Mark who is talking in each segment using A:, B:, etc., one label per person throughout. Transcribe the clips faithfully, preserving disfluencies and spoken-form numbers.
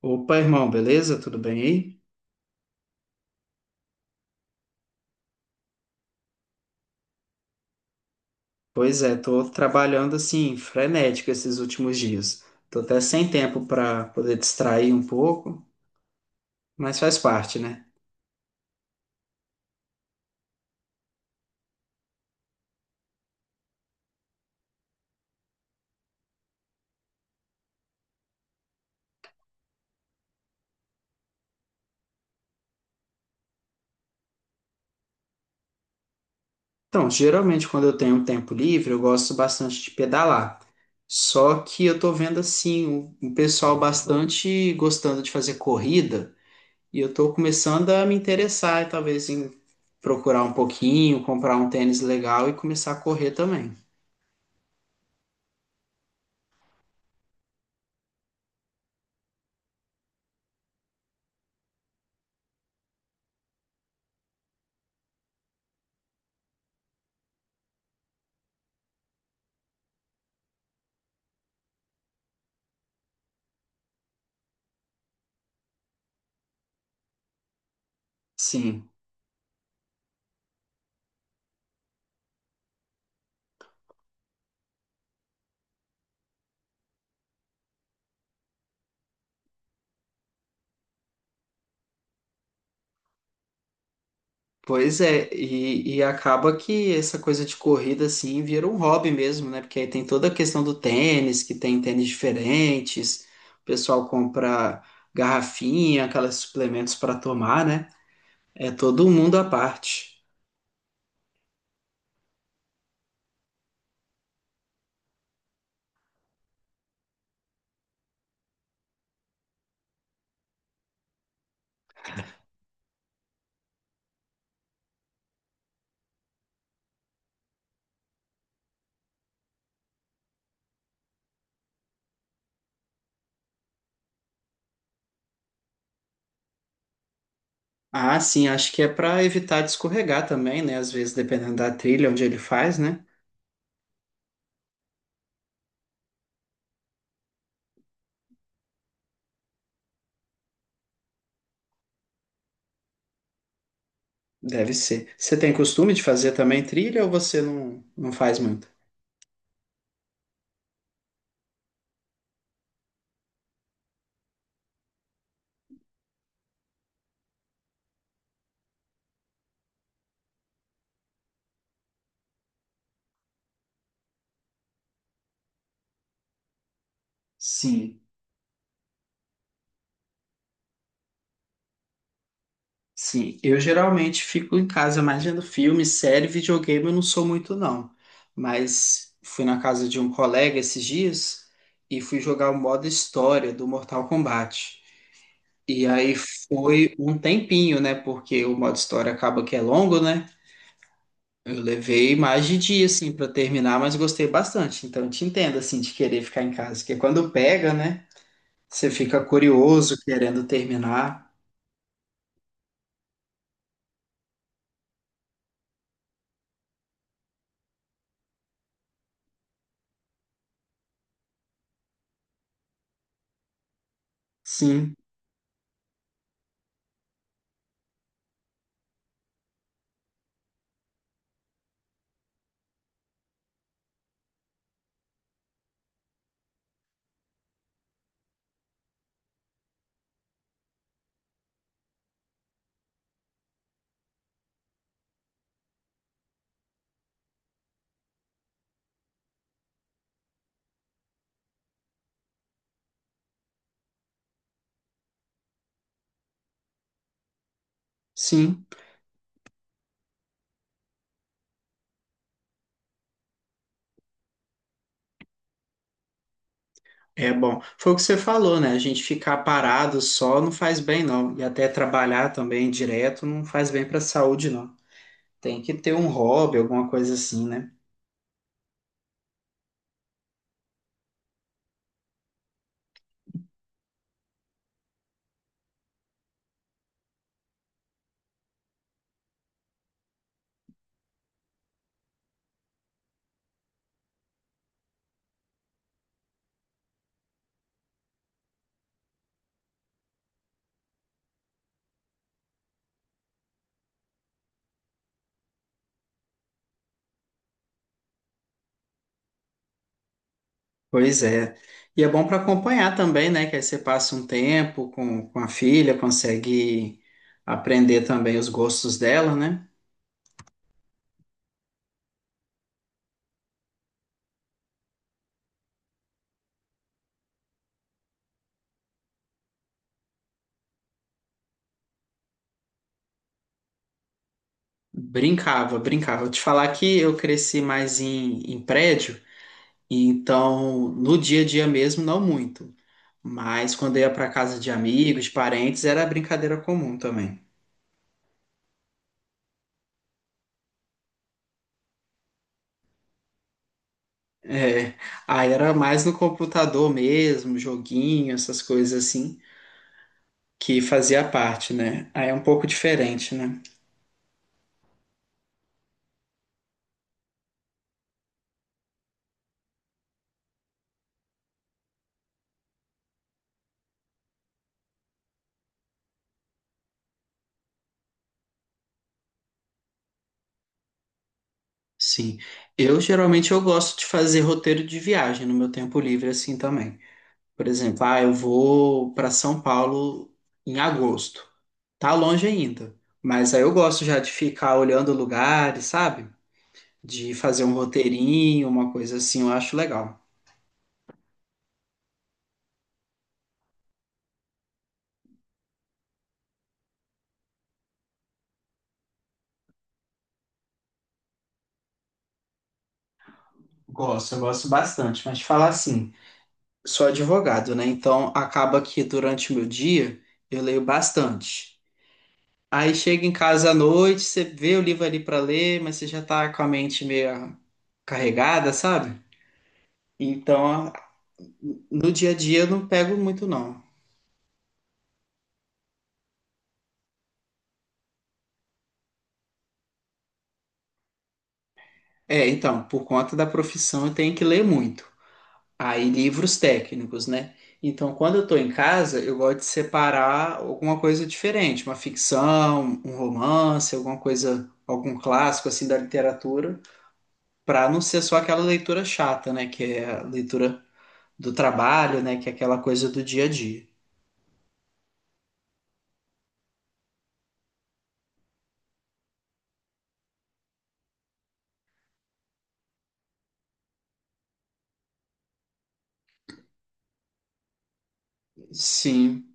A: Opa, irmão, beleza? Tudo bem aí? Pois é, tô trabalhando assim, frenético esses últimos dias. Tô até sem tempo para poder distrair um pouco, mas faz parte, né? Então, geralmente quando eu tenho um tempo livre, eu gosto bastante de pedalar. Só que eu tô vendo assim, um um pessoal bastante gostando de fazer corrida, e eu tô começando a me interessar, talvez, em procurar um pouquinho, comprar um tênis legal e começar a correr também. Sim. Pois é, e, e acaba que essa coisa de corrida assim vira um hobby mesmo, né? Porque aí tem toda a questão do tênis, que tem tênis diferentes, o pessoal compra garrafinha, aqueles suplementos para tomar, né? É todo um mundo à parte. Ah, sim, acho que é para evitar de escorregar também, né? Às vezes, dependendo da trilha onde ele faz, né? Deve ser. Você tem costume de fazer também trilha ou você não, não faz muito? Sim, sim, eu geralmente fico em casa mais vendo filme, série, videogame, eu não sou muito não. Mas fui na casa de um colega esses dias e fui jogar o modo história do Mortal Kombat. E aí foi um tempinho, né? Porque o modo história acaba que é longo, né? Eu levei mais de dia, assim, pra terminar, mas gostei bastante. Então eu te entendo, assim, de querer ficar em casa. Porque quando pega, né? Você fica curioso, querendo terminar. Sim, sim. É bom. Foi o que você falou, né? A gente ficar parado só não faz bem, não. E até trabalhar também direto não faz bem para a saúde, não. Tem que ter um hobby, alguma coisa assim, né? Pois é. E é bom para acompanhar também, né? Que aí você passa um tempo com, com a filha, consegue aprender também os gostos dela, né? Brincava, brincava. Vou te falar que eu cresci mais em, em prédio, e então no dia a dia mesmo, não muito. Mas quando eu ia para casa de amigos, de parentes, era brincadeira comum também. É, aí era mais no computador mesmo, joguinho, essas coisas assim, que fazia parte, né? Aí é um pouco diferente, né? Sim. Eu geralmente eu gosto de fazer roteiro de viagem no meu tempo livre assim também. Por exemplo, ah, eu vou para São Paulo em agosto. Tá longe ainda, mas aí eu gosto já de ficar olhando lugares, sabe? De fazer um roteirinho, uma coisa assim, eu acho legal. Gosto, eu gosto bastante, mas te falar assim, sou advogado, né? Então acaba que durante o meu dia eu leio bastante. Aí chega em casa à noite, você vê o livro ali para ler, mas você já tá com a mente meio carregada, sabe? Então, a- no dia a dia eu não pego muito não. É, então, por conta da profissão eu tenho que ler muito. Aí, livros técnicos, né? Então, quando eu estou em casa, eu gosto de separar alguma coisa diferente, uma ficção, um romance, alguma coisa, algum clássico assim da literatura, para não ser só aquela leitura chata, né? Que é a leitura do trabalho, né? Que é aquela coisa do dia a dia. Sim,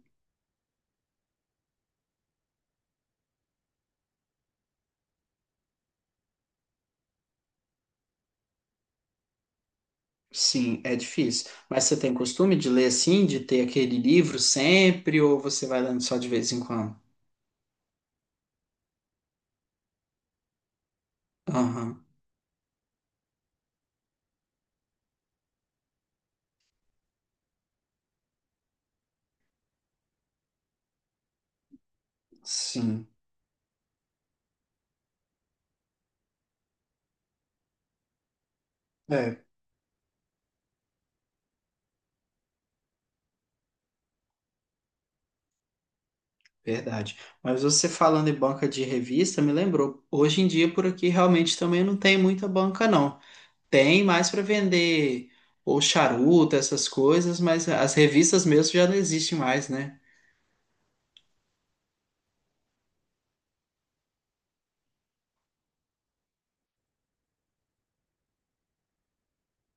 A: sim, é difícil. Mas você tem costume de ler assim, de ter aquele livro sempre, ou você vai lendo só de vez em quando? Aham, sim. É verdade. Mas você falando em banca de revista, me lembrou. Hoje em dia, por aqui, realmente também não tem muita banca, não. Tem mais para vender ou charuto, essas coisas, mas as revistas mesmo já não existem mais, né?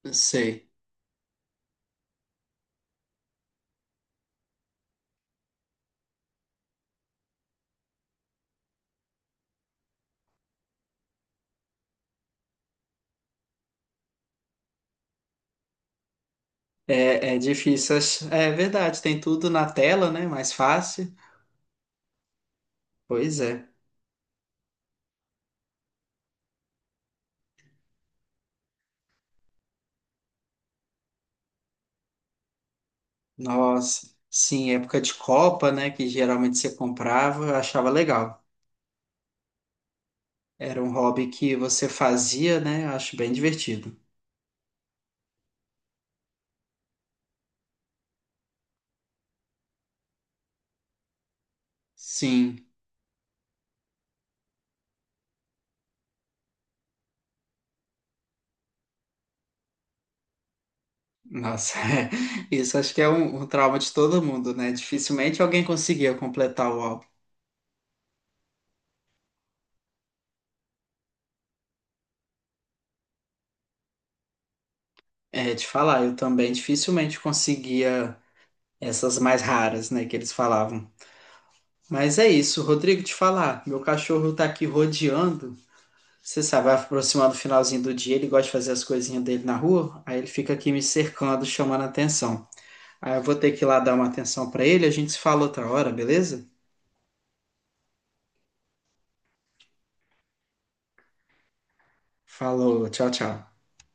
A: Não sei. É, é difícil. ach- É verdade, tem tudo na tela, né? Mais fácil. Pois é. Nossa, sim, época de Copa, né? Que geralmente você comprava, eu achava legal. Era um hobby que você fazia, né? Eu acho bem divertido. Sim. Nossa, é. Isso acho que é um, um trauma de todo mundo, né? Dificilmente alguém conseguia completar o álbum. É, te falar, eu também dificilmente conseguia essas mais raras, né, que eles falavam. Mas é isso, Rodrigo, te falar, meu cachorro tá aqui rodeando. Você sabe, vai aproximando o finalzinho do dia, ele gosta de fazer as coisinhas dele na rua, aí ele fica aqui me cercando, chamando a atenção. Aí eu vou ter que ir lá dar uma atenção pra ele, a gente se fala outra hora, beleza? Falou, tchau, tchau.